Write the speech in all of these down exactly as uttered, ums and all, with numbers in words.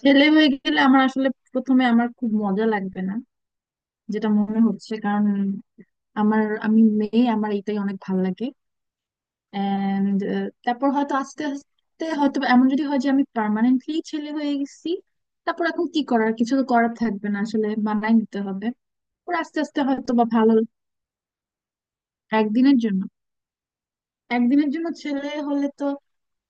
ছেলে হয়ে গেলে আমার আসলে প্রথমে আমার খুব মজা লাগবে না যেটা মনে হচ্ছে। কারণ আমার আমি মেয়ে, আমার এটাই অনেক ভালো লাগে। এন্ড তারপর হয়তো আস্তে আস্তে, হয়তো এমন যদি হয় যে আমি পার্মানেন্টলি ছেলে হয়ে গেছি, তারপর এখন কি করার, কিছু তো করার থাকবে না, আসলে মানায় নিতে হবে। তারপর আস্তে আস্তে হয়তো বা ভালো। একদিনের জন্য। একদিনের জন্য ছেলে হলে তো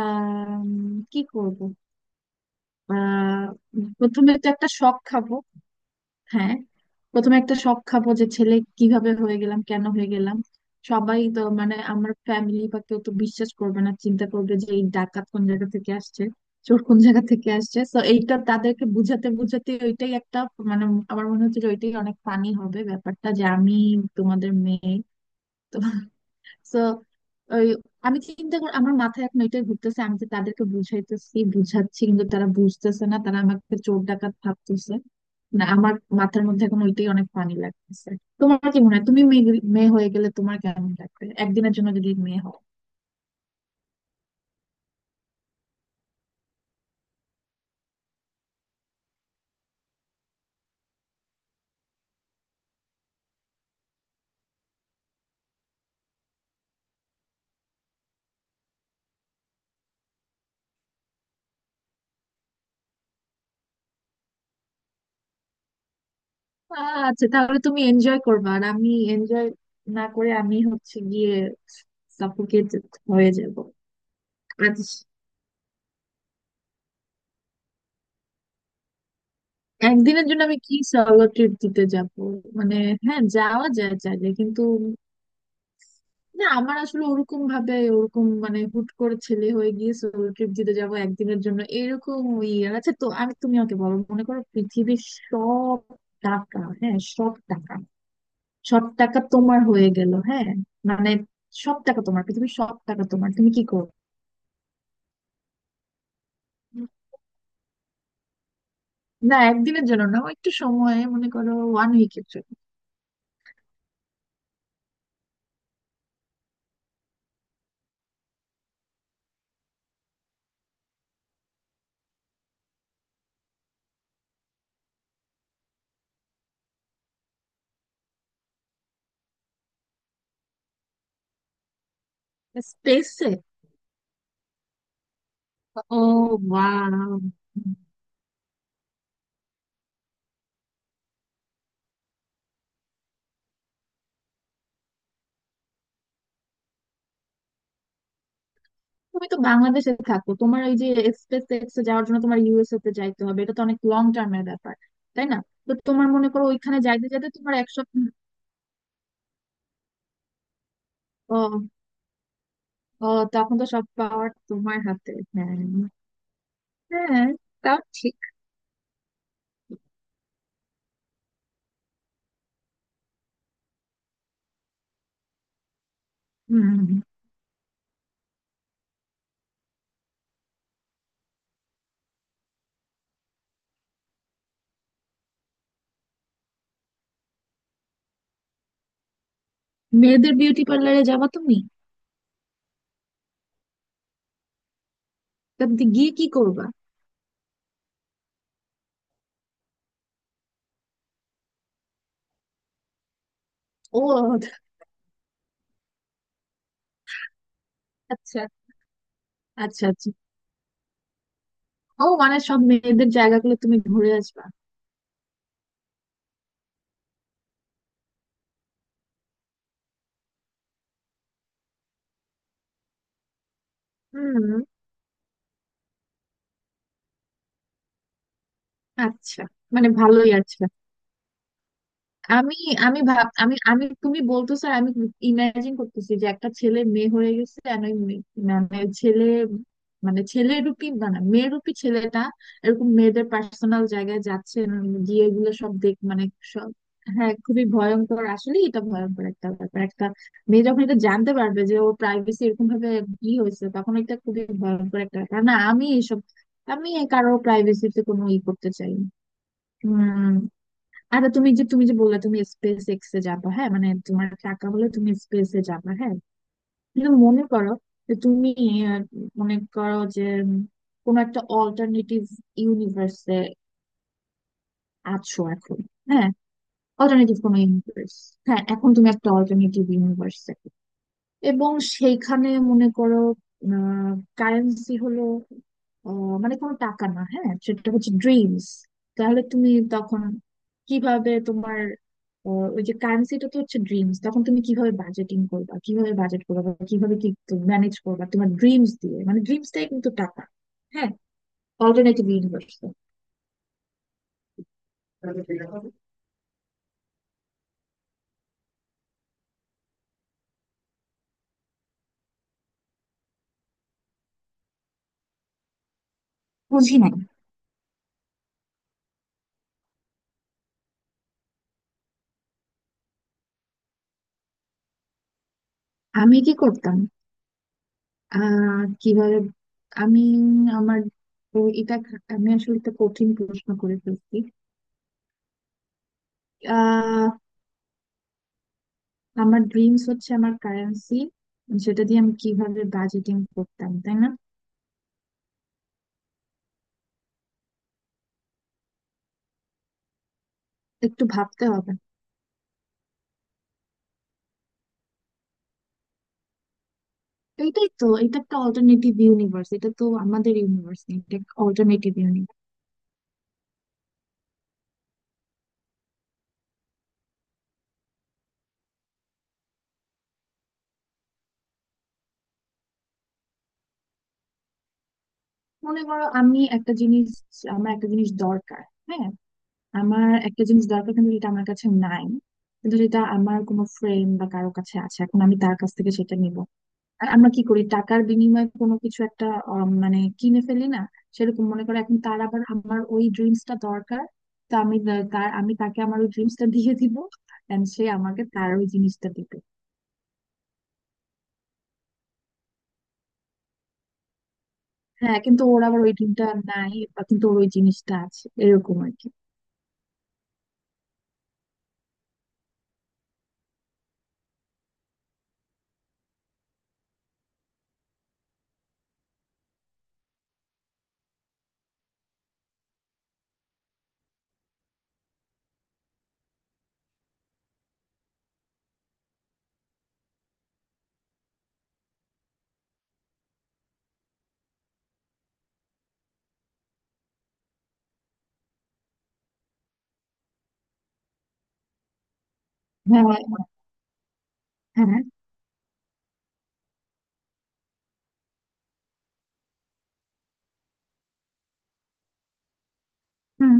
আহ কি করব? আহ প্রথমে তো একটা শখ খাবো। হ্যাঁ, প্রথমে একটা শক খাবো যে ছেলে কিভাবে হয়ে গেলাম, কেন হয়ে গেলাম। সবাই তো মানে আমার ফ্যামিলি বা কেউ তো বিশ্বাস করবে না, চিন্তা করবে যে এই ডাকাত কোন জায়গা থেকে আসছে, চোর কোন জায়গা থেকে আসছে। তো এইটা তাদেরকে বুঝাতে বুঝাতে ওইটাই একটা মানে, আমার মনে হচ্ছে যে ওইটাই অনেক ফানি হবে ব্যাপারটা, যে আমি তোমাদের মেয়ে। তো ওই আমি চিন্তা করি আমার মাথায় এখন এটাই ঘুরতেছে, আমি যে তাদেরকে বুঝাইতেছি বুঝাচ্ছি কিন্তু তারা বুঝতেছে না, তারা আমাকে চোর ডাকাত ভাবতেছে। না, আমার মাথার মধ্যে এখন ওইটাই অনেক পানি লাগতেছে। তোমার কি মনে হয়, তুমি মেয়ে গেলে- মেয়ে হয়ে গেলে তোমার কেমন লাগবে, একদিনের জন্য যদি মেয়ে হও? আচ্ছা, তাহলে তুমি এনজয় করবা, আর আমি এনজয় না করে আমি হচ্ছে গিয়ে সাফোকেট হয়ে যাব। আজ একদিনের জন্য আমি কি সলো ট্রিপ দিতে যাব? মানে হ্যাঁ, যাওয়া যায় চাইলে, কিন্তু না আমার আসলে ওরকম ভাবে, ওরকম মানে হুট করে ছেলে হয়ে গিয়ে সোলো ট্রিপ দিতে যাব একদিনের জন্য, এরকম ওই আর- আচ্ছা তো আমি, তুমি আমাকে বলো, মনে করো পৃথিবীর সব টাকা, হ্যাঁ সব টাকা, সব টাকা তোমার হয়ে গেল, হ্যাঁ মানে সব টাকা তোমার, পৃথিবীর সব টাকা তোমার, তুমি কি করো? না একদিনের জন্য না, ও একটু সময় মনে করো ওয়ান উইকের জন্য। স্পেসে? ও, ওয়াও। তুমি তো বাংলাদেশে থাকো, তোমার এই যে স্পেস এক্সে যাওয়ার জন্য তোমার ইউএসএ তে যাইতে হবে, এটা তো অনেক লং টার্মের ব্যাপার, তাই না? তো তোমার মনে করো ওইখানে যাইতে যাইতে তোমার এক সপ্তাহ। ও, ও, তখন তো সব পাওয়ার তোমার হাতে, হ্যাঁ। হ্যাঁ তাও ঠিক। হম। মেয়েদের বিউটি পার্লারে যাবা তুমি? তা তুমি গিয়ে কি করবা? ও আচ্ছা, আচ্ছা আচ্ছা। ও মানে সব মেয়েদের জায়গাগুলো তুমি ঘুরে আসবা। হুম, আচ্ছা। মানে ভালোই আছে। আমি, আমি ভাব, আমি আমি তুমি বলতেছো আর আমি ইমাজিন করতেছি যে একটা ছেলে মেয়ে হয়ে গেছে, আর ওই মেয়ে- মানে ছেলে মানে ছেলে রূপী, মানে মেয়ে রূপী ছেলেটা এরকম মেয়েদের পার্সোনাল জায়গায় যাচ্ছে, উম, গিয়ে এগুলো সব দেখ মানে সব। হ্যাঁ খুবই ভয়ঙ্কর, আসলে এটা ভয়ঙ্কর একটা ব্যাপার। একটা মেয়ে যখন এটা জানতে পারবে যে ও প্রাইভেসি এরকম ভাবে ই হয়েছে, তখন এটা খুবই ভয়ঙ্কর একটা ব্যাপার। না আমি এসব, আমি কারো প্রাইভেসিতে কোনো ই করতে চাই না। আর তুমি যে, তুমি যে বললে তুমি স্পেস এক্স এ যাবা, হ্যাঁ মানে তোমার টাকা হলে তুমি স্পেস এ যাবা, হ্যাঁ কিন্তু মনে করো যে তুমি আহ, মনে করো যে কোন একটা অল্টারনেটিভ ইউনিভার্সে আছো এখন। হ্যাঁ, অল্টারনেটিভ কোন ইউনিভার্স। হ্যাঁ এখন তুমি একটা অল্টারনেটিভ ইউনিভার্সে, এবং সেইখানে মনে করো কারেন্সি হলো আহ, মানে কোনো টাকা না, হ্যাঁ সেটা হচ্ছে ড্রিমস। তাহলে তুমি তখন কিভাবে তোমার আহ, ওই যে কারেন্সিটা তো হচ্ছে ড্রিমস, তখন তুমি কিভাবে বাজেটিং করবা, কিভাবে বাজেট করবা, বা কিভাবে কি ম্যানেজ করবা তোমার ড্রিমস দিয়ে? মানে ড্রিমসটাই কিন্তু টাকা। হ্যাঁ, অল্টারনেটিভ ইউনিভার্স। বুঝি নাই। আমি কি করতাম? আহ কিভাবে, আমি আমার তো এটা আমি আসলে একটা কঠিন প্রশ্ন করে ফেলছি। আহ আমার ড্রিমস হচ্ছে আমার কারেন্সি, সেটা দিয়ে আমি কিভাবে বাজেটিং করতাম, তাই না? একটু ভাবতে হবে। এটাই তো, এটা একটা অল্টারনেটিভ ইউনিভার্স, এটা তো আমাদের ইউনিভার্স না। এটা অল্টারনেটিভ ইউনিভার্স। মনে করো আমি একটা জিনিস, আমার একটা জিনিস দরকার। হ্যাঁ, আমার একটা জিনিস দরকার কিন্তু এটা আমার কাছে নাই, কিন্তু যেটা আমার কোনো ফ্রেন্ড বা কারো কাছে আছে, এখন আমি তার কাছ থেকে সেটা নিব। আর আমরা কি করি, টাকার বিনিময়ে কোনো কিছু একটা আম, মানে কিনে ফেলি না? সেরকম মনে করো এখন তার আবার আমার ওই ড্রিমসটা দরকার। তো আমি তা- তার আমি তাকে আমার ওই ড্রিমসটা দিয়ে দিব, এন্ড সে আমাকে তার ওই জিনিসটা দিবে। হ্যাঁ কিন্তু ওর আবার ওই ড্রিমটা নাই, বা কিন্তু ওর ওই জিনিসটা আছে, এরকম আর কি। হ্যাঁ হ্যাঁ। হুম।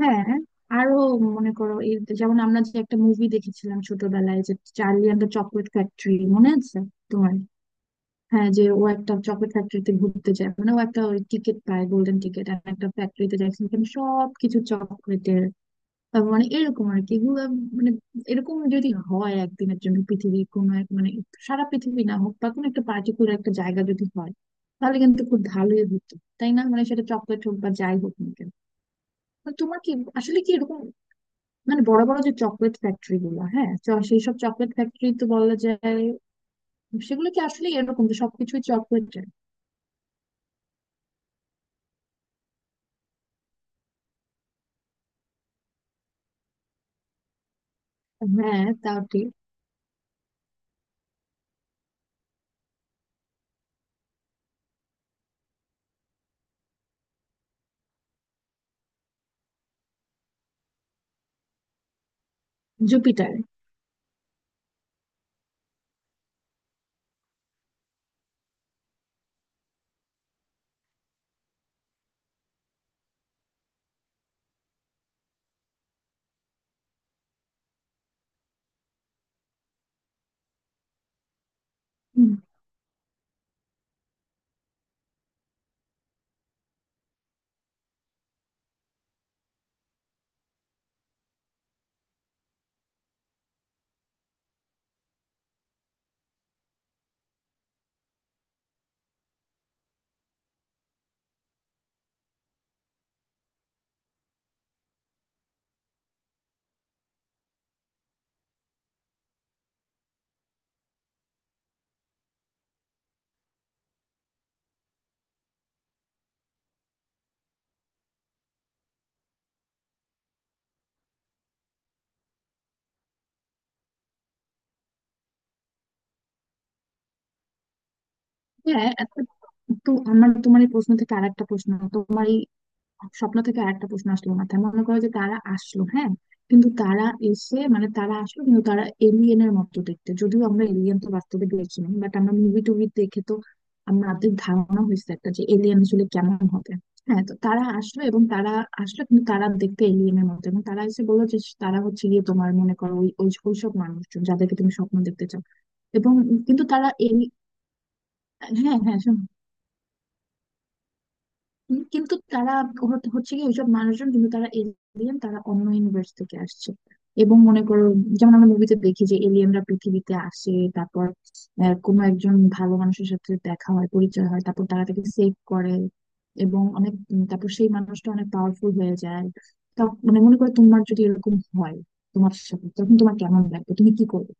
হ্যাঁ আরো মনে করো এই, যেমন আমরা যে একটা মুভি দেখেছিলাম ছোটবেলায় যে Charlie and the chocolate factory, মনে আছে তোমার? হ্যাঁ যে ও একটা চকলেট ফ্যাক্টরিতে ঘুরতে যায়, মানে ও একটা ওই টিকিট পায় গোল্ডেন টিকিট, আর একটা ফ্যাক্টরিতে যায় সেখানে সবকিছু চকলেটের। তারপর মানে এরকম আর কি এগুলো, মানে এরকম যদি হয় একদিনের জন্য পৃথিবী কোনো এক মানে, সারা পৃথিবী না হোক বা কোনো একটা পার্টিকুলার একটা জায়গা যদি হয়, তাহলে কিন্তু খুব ভালোই হতো, তাই না? মানে সেটা চকলেট হোক বা যাই হোক না কেন। তো তোমার কি আসলে কি এরকম মানে, বড় বড় যে চকলেট ফ্যাক্টরি গুলো হ্যাঁ, সেই সব চকলেট ফ্যাক্টরি তো বলা যায় সেগুলো কি আসলে এরকম যে সবকিছুই চকলেট? হ্যাঁ তাও ঠিক। জুপিটার। হুম। হ্যাঁ একটা, তো আমার, তোমার এই প্রশ্ন থেকে আরেকটা প্রশ্ন, তোমার এই স্বপ্ন থেকে আরেকটা প্রশ্ন আসলো মাথায়। মনে করো যে তারা আসলো, হ্যাঁ কিন্তু তারা এসে মানে, তারা আসলো কিন্তু তারা এলিয়েনের মতো দেখতে, যদিও আমরা এলিয়েন তো বাস্তবে দেখিনি, বাট আমরা মুভি টুভি দেখে তো আমাদের ধারণা হয়েছে একটা যে এলিয়েন আসলে কেমন হবে। হ্যাঁ তো তারা আসলো, এবং তারা আসলো কিন্তু তারা দেখতে এলিয়েনের মতো, এবং তারা এসে বললো যে তারা হচ্ছে গিয়ে তোমার মনে করো ওই ওই- ওইসব মানুষজন যাদেরকে তুমি স্বপ্ন দেখতে চাও, এবং কিন্তু তারা এলি হ্যাঁ হ্যাঁ শোনো, উম, কিন্তু তারা হত- হচ্ছে কি ওইসব মানুষজন, কিন্তু তারা এলিয়েন, তারা অন্য ইউনিভার্স থেকে আসছে। এবং মনে করো, যেমন আমরা মুভিতে দেখি যে এলিয়েনরা পৃথিবীতে আসে, তারপর আহ, কোনো একজন ভালো মানুষের সাথে দেখা হয়, পরিচয় হয়, তারপর তারা তাকে সেভ করে, এবং অনেক উম, তারপর সেই মানুষটা অনেক পাওয়ারফুল হয়ে যায়। তা মানে মনে করো তোমার যদি এরকম হয় তোমার সাথে, তখন তোমার কেমন লাগবে, তুমি কি করবে?